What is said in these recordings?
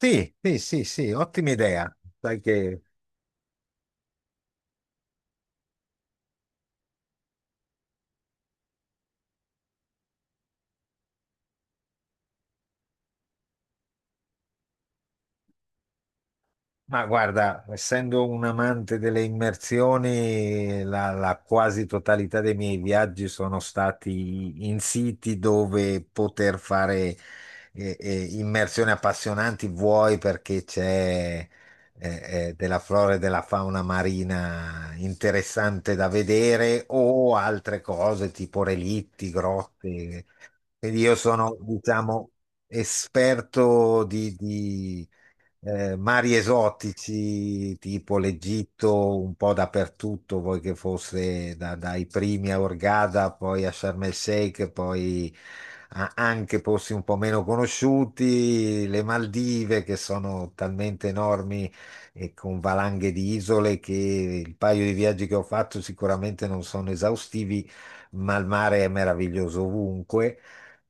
Sì, sì, sì, sì, ottima idea. Sai che, ma guarda, essendo un amante delle immersioni, la quasi totalità dei miei viaggi sono stati in siti dove poter fare immersioni appassionanti, vuoi perché c'è eh, della flora e della fauna marina interessante da vedere, o altre cose tipo relitti, grotte. Quindi io sono, diciamo, esperto di mari esotici, tipo l'Egitto, un po' dappertutto, poi che fosse dai primi a Hurghada, poi a Sharm el Sheikh, poi anche posti un po' meno conosciuti, le Maldive, che sono talmente enormi e con valanghe di isole che il paio di viaggi che ho fatto sicuramente non sono esaustivi, ma il mare è meraviglioso ovunque.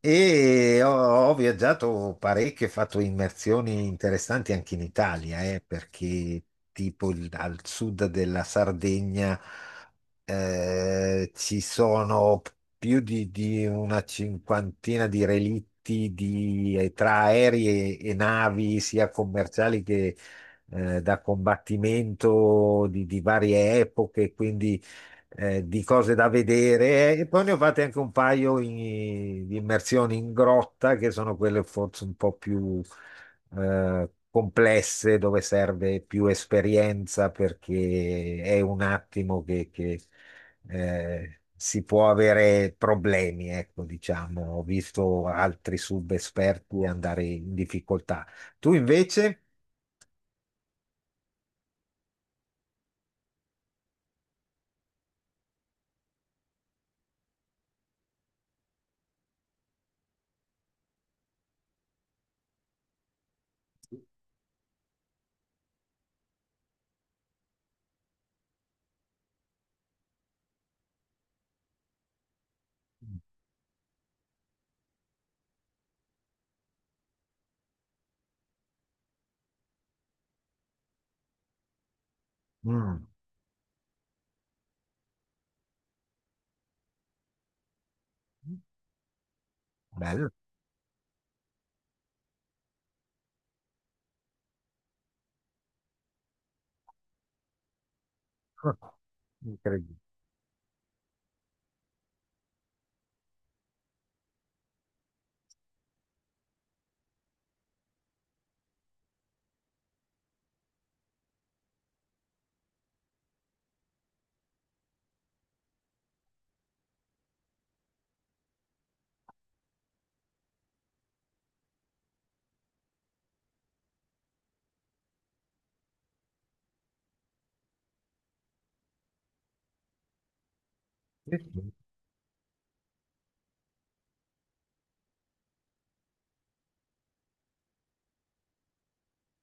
E ho viaggiato parecchio, ho fatto immersioni interessanti anche in Italia, perché tipo al sud della Sardegna ci sono più di una cinquantina di relitti tra aerei e navi, sia commerciali che da combattimento di varie epoche, quindi di cose da vedere e poi ne ho fatte anche un paio di immersioni in grotta che sono quelle forse un po' più complesse dove serve più esperienza perché è un attimo eh, si può avere problemi, ecco, diciamo. Ho visto altri subesperti andare in difficoltà. Tu invece? Mm, bello. Incredibile.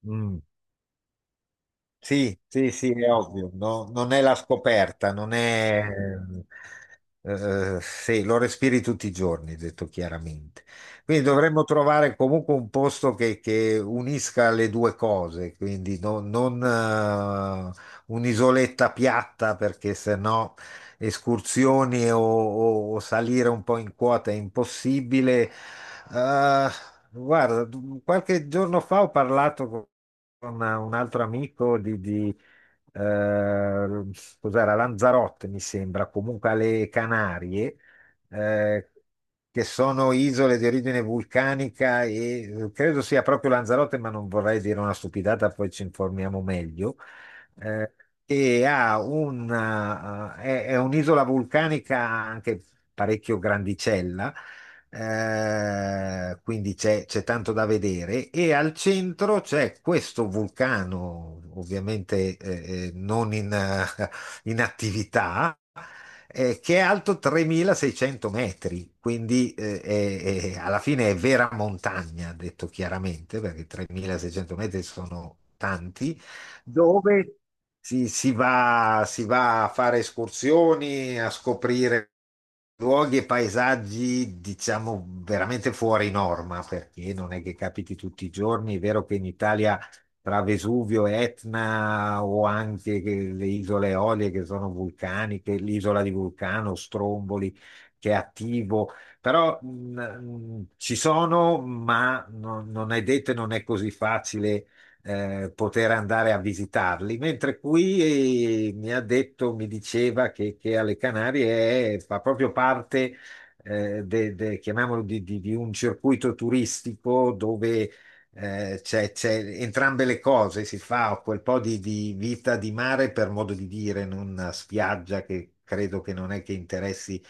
Mm. Sì, sì, sì, è ovvio, no? Non è la scoperta, non è. Eh, sì, lo respiri tutti i giorni, detto chiaramente. Quindi dovremmo trovare comunque un posto che unisca le due cose, quindi non un'isoletta piatta perché sennò escursioni o, o salire un po' in quota è impossibile. Eh, guarda, qualche giorno fa ho parlato con un altro amico di, eh, cos'era, Lanzarote, mi sembra, comunque alle Canarie, eh, che sono isole di origine vulcanica e credo sia proprio Lanzarote, ma non vorrei dire una stupidata, poi ci informiamo meglio. Eh, e ha una, è un'isola vulcanica anche parecchio grandicella, quindi c'è tanto da vedere. E al centro c'è questo vulcano, ovviamente non in, in attività, che è alto 3600 metri, quindi alla fine è vera montagna, detto chiaramente, perché 3600 metri sono tanti, dove si va a fare escursioni, a scoprire luoghi e paesaggi, diciamo, veramente fuori norma, perché non è che capiti tutti i giorni. È vero che in Italia tra Vesuvio, Etna o anche le isole Eolie che sono vulcaniche, l'isola di Vulcano, Stromboli che è attivo, però ci sono, ma non è detto e non è così facile poter andare a visitarli, mentre qui mi ha detto, mi diceva che alle Canarie fa proprio parte chiamiamolo di un circuito turistico dove c'è entrambe le cose, si fa quel po' di vita di mare per modo di dire, in una spiaggia che credo che non è che interessi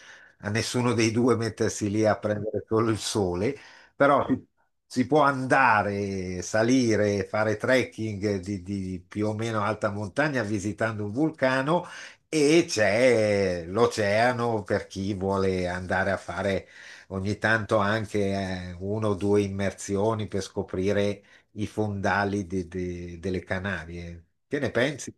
a nessuno dei due mettersi lì a prendere solo il sole, però si può andare, salire, fare trekking di più o meno alta montagna visitando un vulcano e c'è l'oceano per chi vuole andare a fare ogni tanto anche uno o due immersioni per scoprire i fondali delle Canarie. Che ne pensi?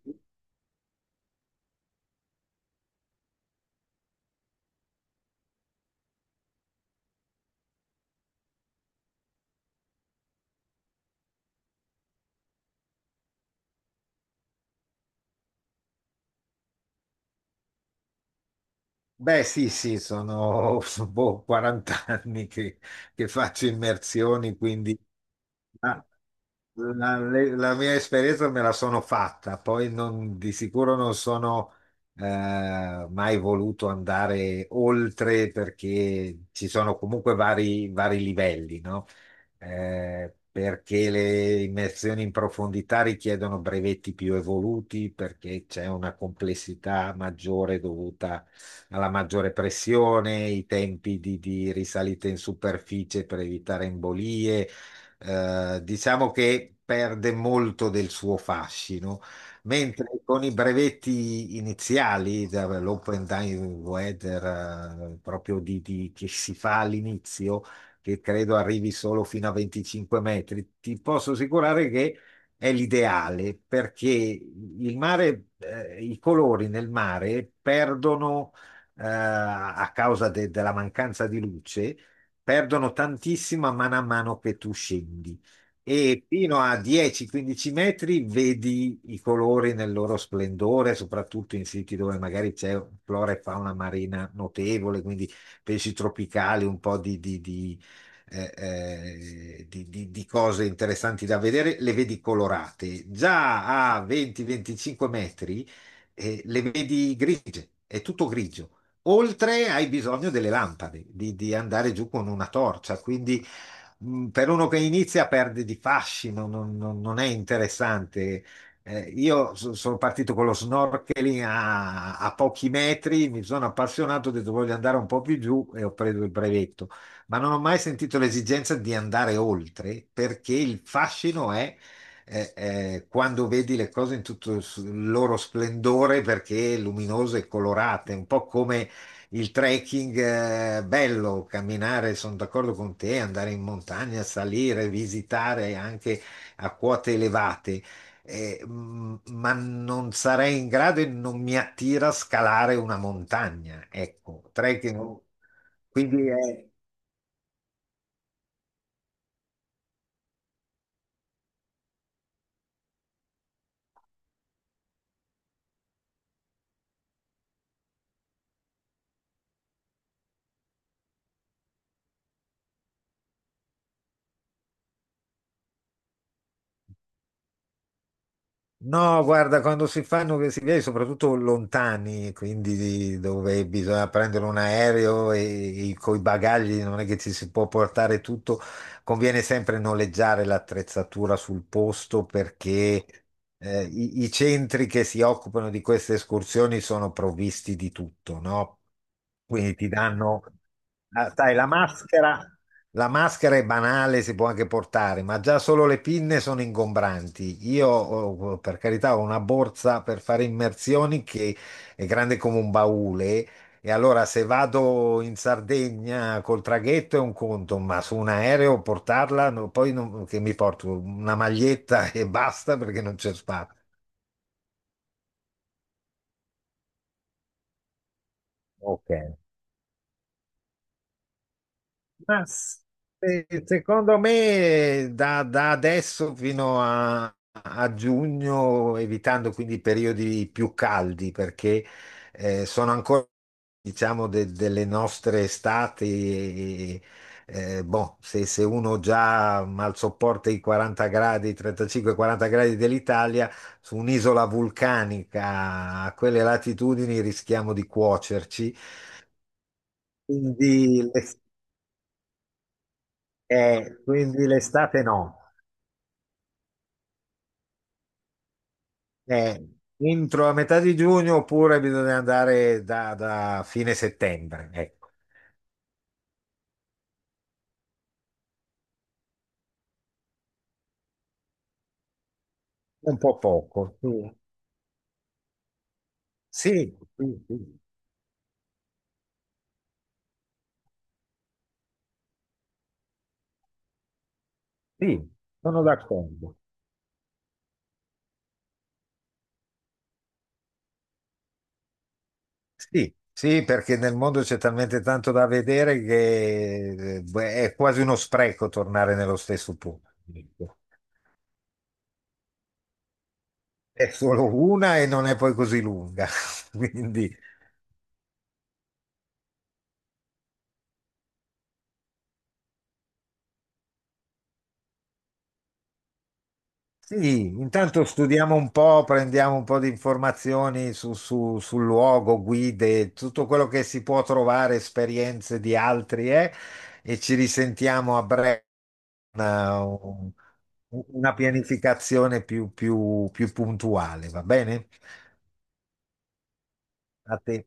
Beh, sì, sì, sono sono, boh, 40 anni che faccio immersioni, quindi la, la mia esperienza me la sono fatta, poi di sicuro non sono mai voluto andare oltre perché ci sono comunque vari livelli, no? Perché le immersioni in profondità richiedono brevetti più evoluti, perché c'è una complessità maggiore dovuta alla maggiore pressione, i tempi di risalita in superficie per evitare embolie. Diciamo che perde molto del suo fascino, mentre con i brevetti iniziali, l'open diving weather, proprio che si fa all'inizio, che credo arrivi solo fino a 25 metri, ti posso assicurare che è l'ideale perché il mare, i colori nel mare perdono a causa della mancanza di luce, perdono tantissima mano a mano che tu scendi. E fino a 10-15 metri vedi i colori nel loro splendore, soprattutto in siti dove magari c'è flora e fauna marina notevole, quindi pesci tropicali, un po' di cose interessanti da vedere, le vedi colorate. Già a 20-25 metri le vedi grigie, è tutto grigio. Oltre hai bisogno delle lampade, di andare giù con una torcia, quindi per uno che inizia perde di fascino, non è interessante. Io sono partito con lo snorkeling a pochi metri, mi sono appassionato, ho detto voglio andare un po' più giù e ho preso il brevetto, ma non ho mai sentito l'esigenza di andare oltre perché il fascino è quando vedi le cose in tutto il loro splendore perché luminose e colorate, un po' come il trekking è bello, camminare, sono d'accordo con te, andare in montagna, salire, visitare anche a quote elevate, ma non sarei in grado e non mi attira scalare una montagna, ecco, trekking. Quindi è. No, guarda, quando si fanno questi viaggi, soprattutto lontani, quindi dove bisogna prendere un aereo e con i bagagli non è che ci si può portare tutto, conviene sempre noleggiare l'attrezzatura sul posto perché i centri che si occupano di queste escursioni sono provvisti di tutto, no? Quindi ti danno, ah, sai, la maschera. La maschera è banale, si può anche portare, ma già solo le pinne sono ingombranti. Io, oh, oh, per carità, ho una borsa per fare immersioni che è grande come un baule. E allora, se vado in Sardegna col traghetto è un conto, ma su un aereo portarla, no, poi che mi porto una maglietta e basta perché non c'è spazio. Ok. Ma secondo me da adesso fino a giugno, evitando quindi i periodi più caldi, perché sono ancora, diciamo, delle nostre estati. Boh, se uno già mal sopporta i 40 gradi, 35-40 gradi dell'Italia, su un'isola vulcanica a quelle latitudini rischiamo di cuocerci. Quindi le- quindi l'estate no. Eh, entro a metà di giugno oppure bisogna andare da fine settembre. Ecco, un po' poco. Sì, sì, sì, sì, sì, sono d'accordo. Sì, sì, perché nel mondo c'è talmente tanto da vedere che beh, è quasi uno spreco tornare nello stesso punto. Ecco. È solo una e non è poi così lunga. Quindi sì, intanto studiamo un po', prendiamo un po' di informazioni sul luogo, guide, tutto quello che si può trovare, esperienze di altri, e ci risentiamo a breve una, una pianificazione più puntuale, va bene? A te.